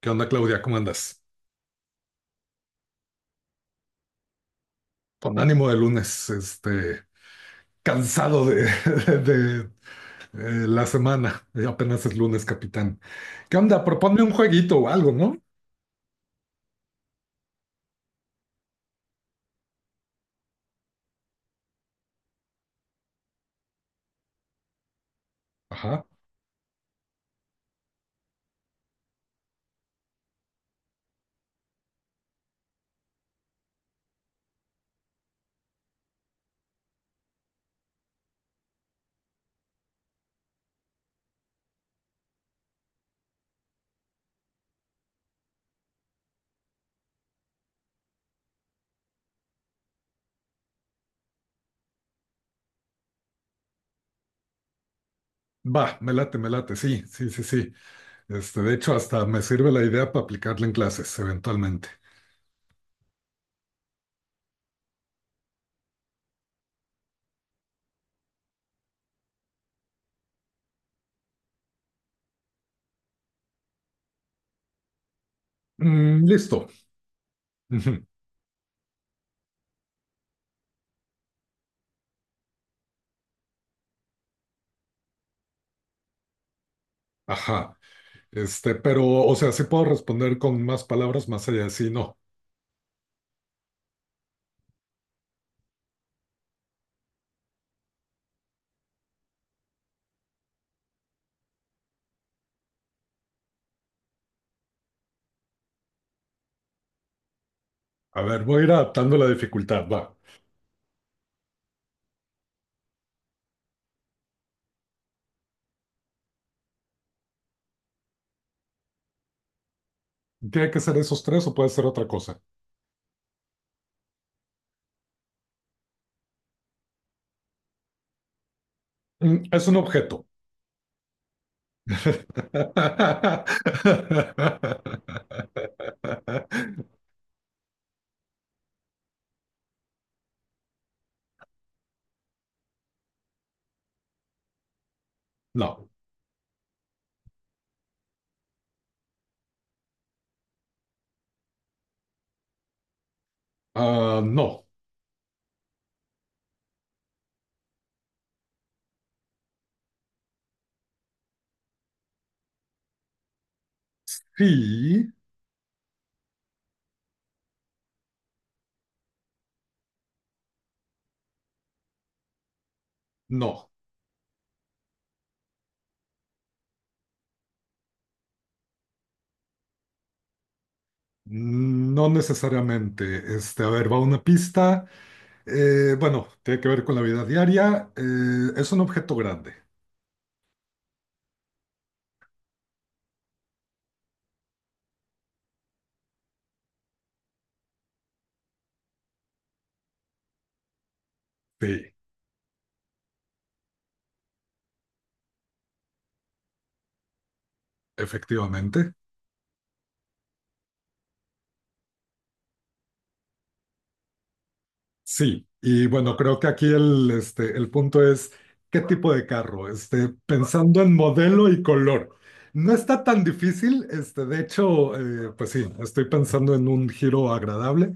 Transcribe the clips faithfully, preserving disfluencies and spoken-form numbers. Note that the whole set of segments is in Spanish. ¿Qué onda, Claudia? ¿Cómo andas? Con ánimo de lunes, este, cansado de, de, eh, la semana. Eh, Apenas es lunes, capitán. ¿Qué onda? Proponme un jueguito o algo, ¿no? Ajá. Va, me late, me late. Sí, sí, sí, sí. Este, de hecho, hasta me sirve la idea para aplicarla en clases, eventualmente. Mm, listo. Ujú. Ajá. Este, pero, o sea, sí puedo responder con más palabras más allá de sí, no. A ver, voy a ir adaptando la dificultad, va. ¿Tiene que ser esos tres o puede ser otra cosa? Mm, es un objeto. No. Ah, no, sí, no, no necesariamente. Este, a ver, va una pista. Eh, bueno, tiene que ver con la vida diaria. Eh, es un objeto grande. Sí, efectivamente. Sí, y bueno, creo que aquí el, este, el punto es qué tipo de carro, este, pensando en modelo y color. No está tan difícil, este, de hecho, eh, pues sí, estoy pensando en un giro agradable,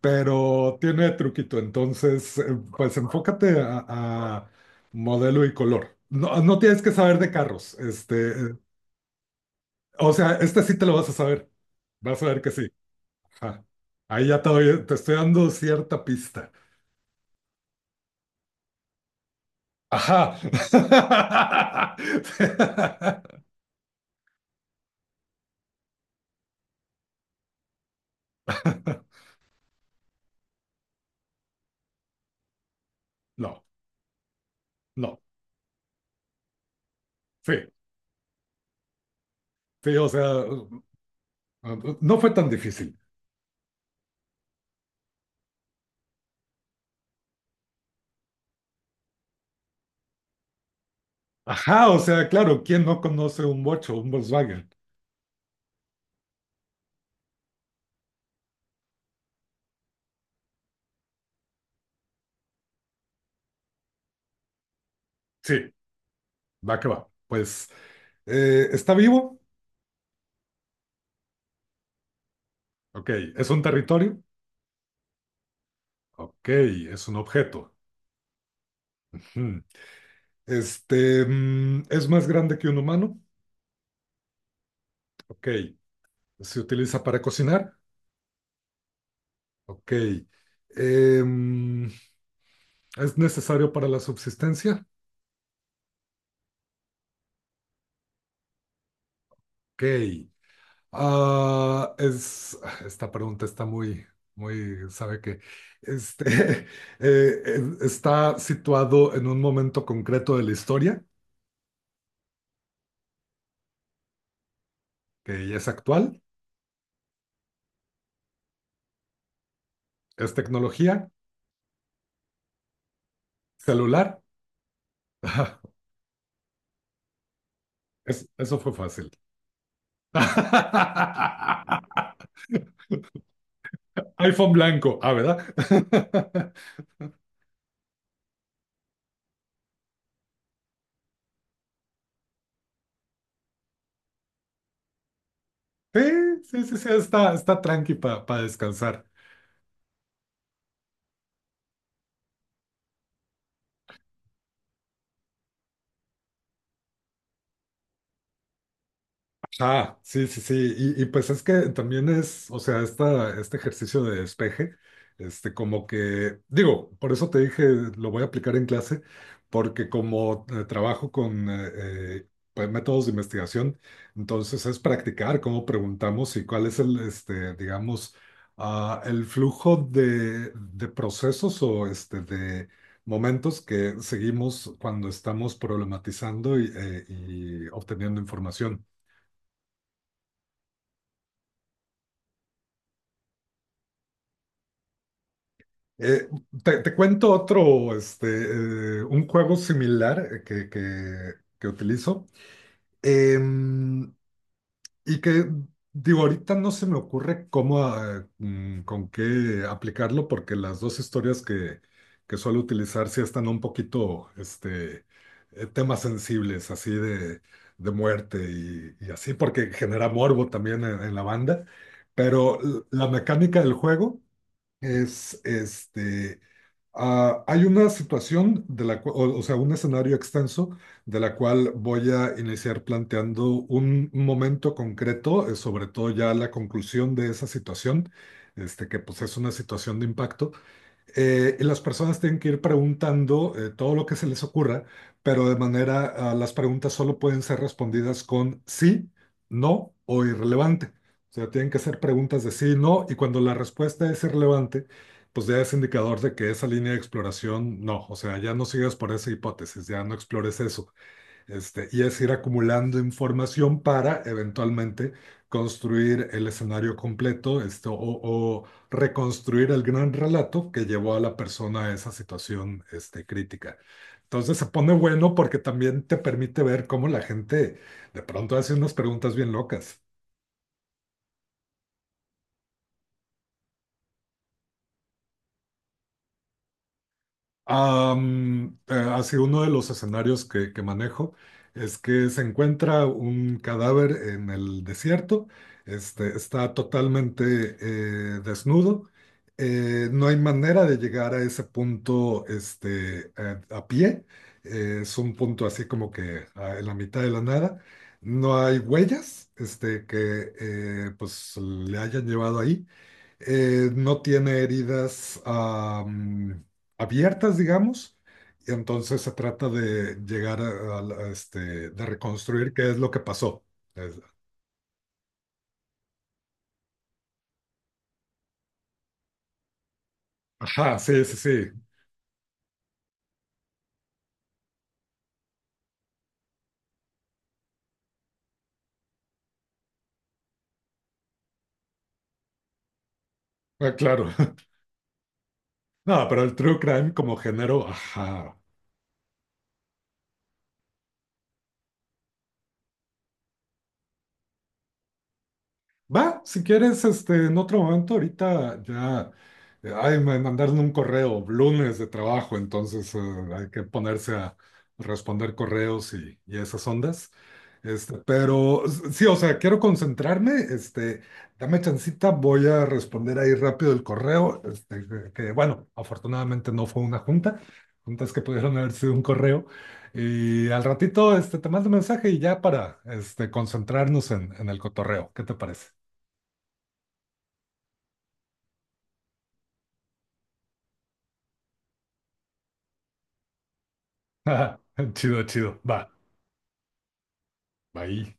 pero tiene truquito, entonces, eh, pues enfócate a, a modelo y color. No, no tienes que saber de carros, este, eh, o sea, este sí te lo vas a saber, vas a ver que sí. Ajá. Ahí ya te doy- te estoy dando cierta pista. Ajá. No, no, sí, sí, o sea, no fue tan difícil. Ajá, o sea, claro, ¿quién no conoce un bocho, un Volkswagen? Sí, va que va. Pues, eh, ¿está vivo? Ok, ¿es un territorio? Ok, es un objeto. Ujú. Este, mm, ¿es más grande que un humano? Ok, ¿se utiliza para cocinar? Ok, em, ¿es necesario para la subsistencia? Ok. Ah, es, esta pregunta está muy, muy, sabe que este, eh, eh, está situado en un momento concreto de la historia, que ya es actual, es tecnología, celular. Es- eso fue fácil. iPhone blanco, ah, ¿verdad? Sí, sí, sí, sí, está, está tranqui para descansar. Ah, sí, sí, sí. Y, y pues es que también es, o sea, esta, este ejercicio de despeje, este, como que, digo, por eso te dije, lo voy a aplicar en clase, porque como eh, trabajo con eh, eh, pues, métodos de investigación, entonces es practicar cómo preguntamos y cuál es el, este, digamos, ah, el flujo de, de procesos o este, de momentos que seguimos cuando estamos problematizando y eh, y obteniendo información. Eh, te, te cuento otro, este, eh, un juego similar eh, que, que, que utilizo. Em, y que, digo, ahorita no se me ocurre cómo, ah, mm, con qué aplicarlo porque las dos historias que, que suelo utilizar sí están un poquito, este, eh, temas sensibles, así de, de muerte y, y así, porque genera morbo también en en la banda, pero l- la mecánica del juego es este. Ah, hay una situación de la cual, o, o sea, un escenario extenso de la cual voy a iniciar planteando un momento concreto, eh, sobre todo ya la conclusión de esa situación, este, que pues es una situación de impacto eh, y las personas tienen que ir preguntando eh, todo lo que se les ocurra, pero de manera, ah, las preguntas solo pueden ser respondidas con sí, no o irrelevante. O sea, tienen que ser preguntas de sí, no, y cuando la respuesta es irrelevante, pues ya es indicador de que esa línea de exploración no, o sea, ya no sigas por esa hipótesis, ya no explores eso. Este, y es ir acumulando información para eventualmente construir el escenario completo, esto, o, o reconstruir el gran relato que llevó a la persona a esa situación, este, crítica. Entonces se pone bueno porque también te permite ver cómo la gente de pronto hace unas preguntas bien locas. Am, eh, así uno de los escenarios que, que manejo es que se encuentra un cadáver en el desierto, este, está totalmente eh, desnudo, eh, no hay manera de llegar a ese punto este, eh, a pie, eh, es un punto así como que ah, en la mitad de la nada, no hay huellas este, que eh, pues le hayan llevado ahí eh, no tiene heridas am, abiertas, digamos, y entonces se trata de llegar a, a la- a este, de reconstruir qué es lo que pasó. Es- ajá, sí, sí, sí. Ah, claro. No, pero el true crime como género, ajá. Va, si quieres, este, en otro momento, ahorita ya, eh, ay, me mandaron un correo, lunes de trabajo, entonces eh, hay que ponerse a responder correos y, y esas ondas. Este, pero s- sí, o sea, quiero concentrarme, este, dame chancita, voy a responder ahí rápido el correo, este, que, que, bueno, afortunadamente no fue una junta, juntas que pudieron haber sido un correo, y al ratito, este, te mando un mensaje y ya para, este, concentrarnos en, en el cotorreo, ¿qué te parece? Chido, chido. Va, ahí.